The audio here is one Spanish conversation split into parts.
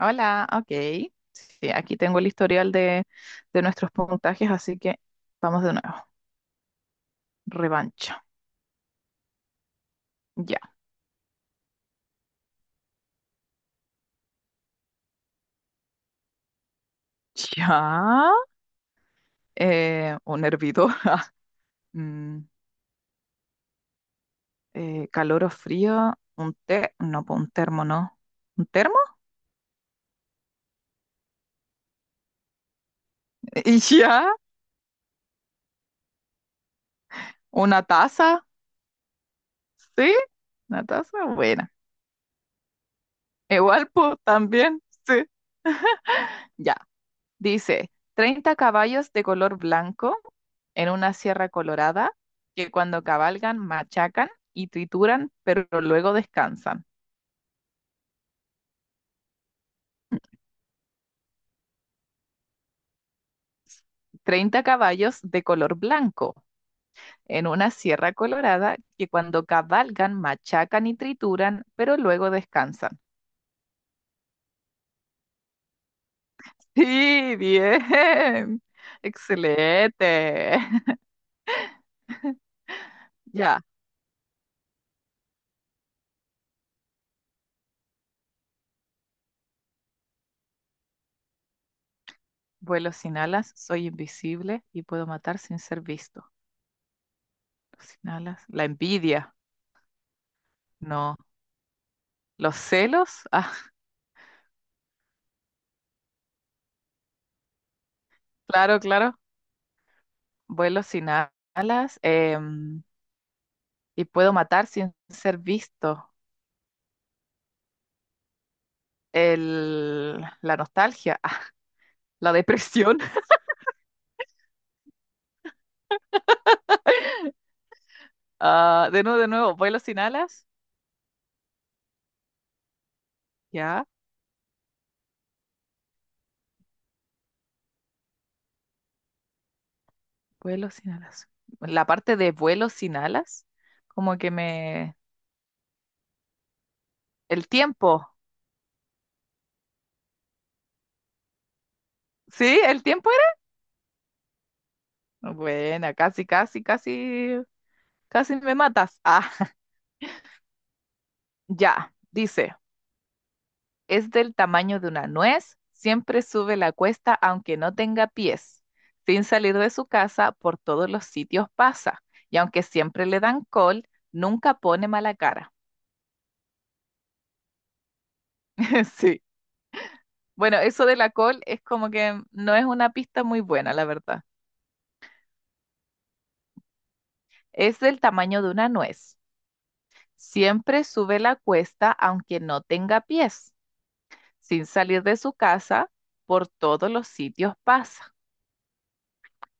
Hola, ok. Sí, aquí tengo el historial de nuestros puntajes, así que vamos de nuevo. Revancha. Ya. Ya. Un hervidor. Mm, Calor o frío. Un té. No, pues un termo, no. ¿Un termo? Y ya. Una taza. Sí. Una taza. Buena. Igual, pues también. Sí. Ya. Dice, 30 caballos de color blanco en una sierra colorada que cuando cabalgan machacan y trituran, pero luego descansan. 30 caballos de color blanco en una sierra colorada que cuando cabalgan machacan y trituran, pero luego descansan. Sí, bien. Excelente. Ya, vuelo sin alas, soy invisible y puedo matar sin ser visto. Sin alas, la envidia. No. Los celos, ah, claro, claro. Vuelo sin alas y puedo matar sin ser visto. La nostalgia, ah, la depresión. Ah, de nuevo, vuelo sin alas. Ya, vuelo sin alas. La parte de vuelo sin alas, como que me... El tiempo. ¿Sí? ¿El tiempo era? Buena, casi, casi, casi, casi me matas. Ah, ya, dice. Es del tamaño de una nuez, siempre sube la cuesta aunque no tenga pies. Sin salir de su casa, por todos los sitios pasa. Y aunque siempre le dan col, nunca pone mala cara. Sí. Bueno, eso de la col es como que no es una pista muy buena, la verdad. Es del tamaño de una nuez. Siempre sube la cuesta aunque no tenga pies. Sin salir de su casa, por todos los sitios pasa.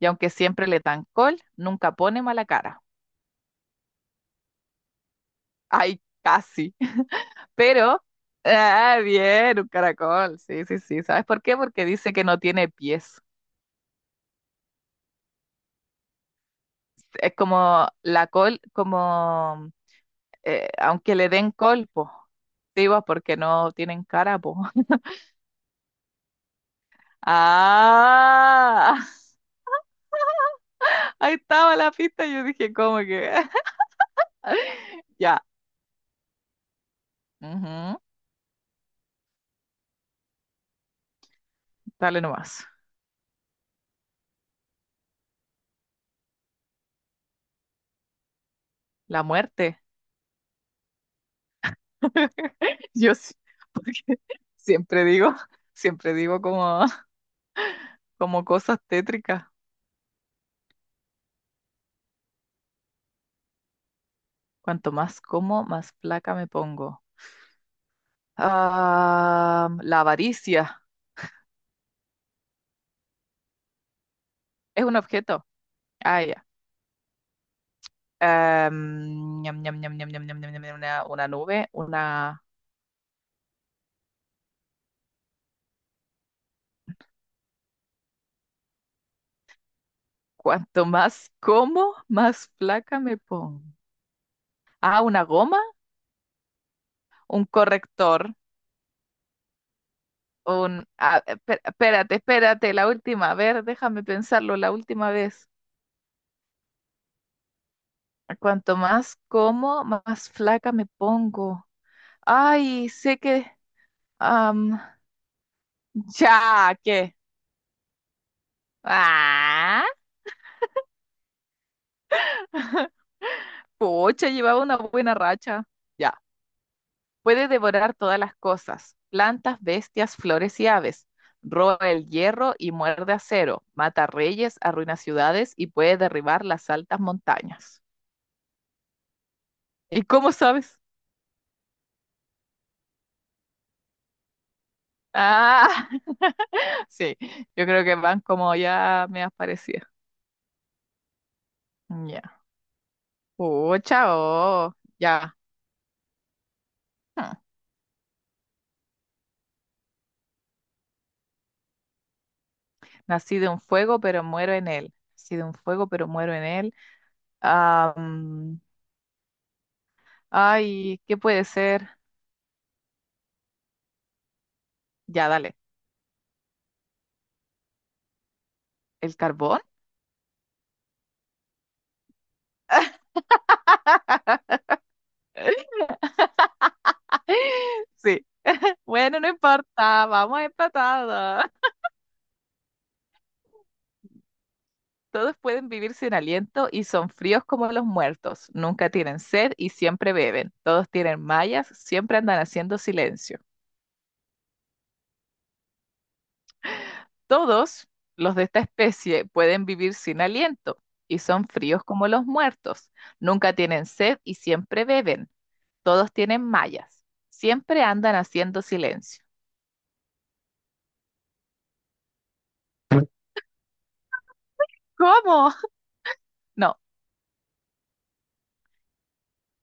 Y aunque siempre le dan col, nunca pone mala cara. Ay, casi. Pero, ah, bien, un caracol. Sí, sí, sí. ¿Sabes por qué? Porque dice que no tiene pies. Es como la col, como, aunque le den colpo. Sí, porque no tienen cara, po. Ah, ahí estaba la pista. Yo dije, ¿cómo que? Ya. Ujú, dale nomás. La muerte. Yo sí, porque siempre digo, siempre digo como cosas tétricas. Cuanto más como, más placa me pongo. Ah, la avaricia es un objeto. Ah, ya. Ñam, ñam, ñam, ñam, ñam, ñam, ñam, ñam, ñam, una nube, una... Cuanto más como, más placa me pongo. Ah, una goma, un corrector, un... ah, espérate, espérate, la última. A ver, déjame pensarlo la última vez. Cuanto más como, más flaca me pongo. Ay, sé que... am, ya, ¿qué? Ah, pucha, llevaba una buena racha. Ya, puede devorar todas las cosas, plantas, bestias, flores y aves. Roba el hierro y muerde acero, mata reyes, arruina ciudades y puede derribar las altas montañas. ¿Y cómo sabes? Ah, sí, yo creo que van como ya me aparecía. Ya. Pucha, oh, ya. Hmm. Nací de un fuego, pero muero en él. Nací de un fuego, pero muero en él. Ah, ay, ¿qué puede ser? Ya, dale. ¿El carbón? Sí. Bueno, no importa, vamos empatados. Todos pueden vivir sin aliento y son fríos como los muertos. Nunca tienen sed y siempre beben. Todos tienen mallas, siempre andan haciendo silencio. Todos los de esta especie pueden vivir sin aliento y son fríos como los muertos. Nunca tienen sed y siempre beben. Todos tienen mallas. Siempre andan haciendo silencio. ¿Cómo? No.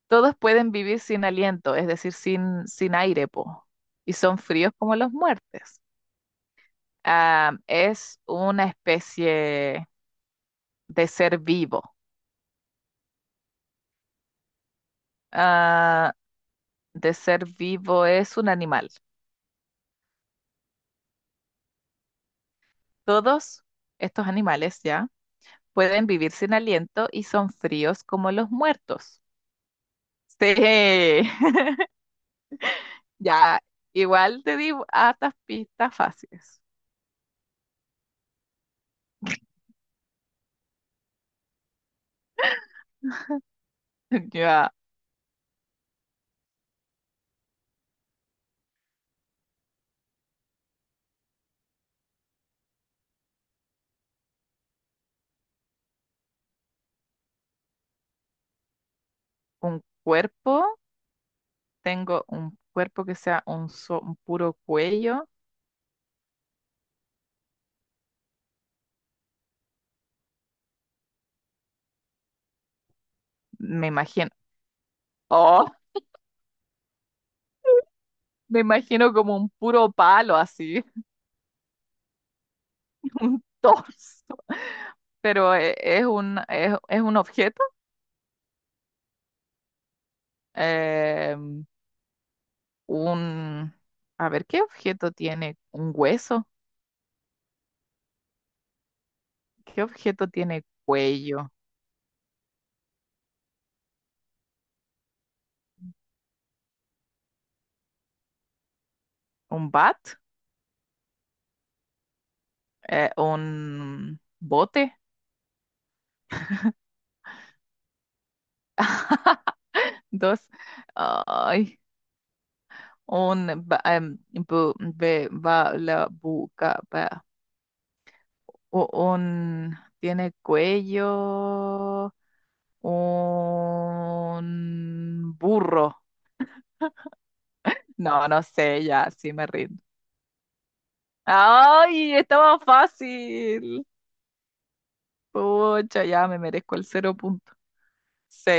Todos pueden vivir sin aliento, es decir, sin aire, po, y son fríos como los muertes. Ah, es una especie de ser vivo. Ah, de ser vivo es un animal. Todos estos animales ya pueden vivir sin aliento y son fríos como los muertos. Sí, ya, igual te di hartas pistas fáciles. Ya, un cuerpo tengo un cuerpo que sea un puro cuello, me imagino, oh, me imagino como un puro palo así, un torso, pero es un objeto, eh, un, a ver, ¿qué objeto tiene un hueso? ¿Qué objeto tiene cuello? ¿Un bat? ¿Un bote? Dos. Ay, la buca, un, tiene cuello, un burro. No, no sé, ya, sí me rindo. ¡Ay! Estaba fácil. Pucha, ya me merezco el cero punto. Sí,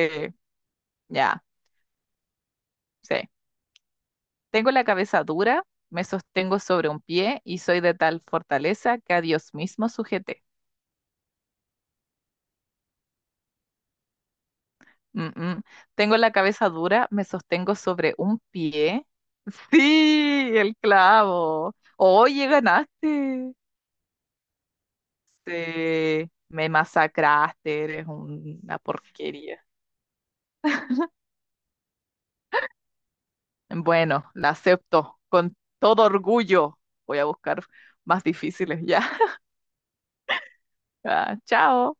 ya, sí. Tengo la cabeza dura, me sostengo sobre un pie y soy de tal fortaleza que a Dios mismo sujeté. Mm, mm. Tengo la cabeza dura, me sostengo sobre un pie. Sí, el clavo. Oye, ganaste. Sí, me masacraste, eres una porquería. Bueno, la acepto con todo orgullo. Voy a buscar más difíciles ya. Ah, chao.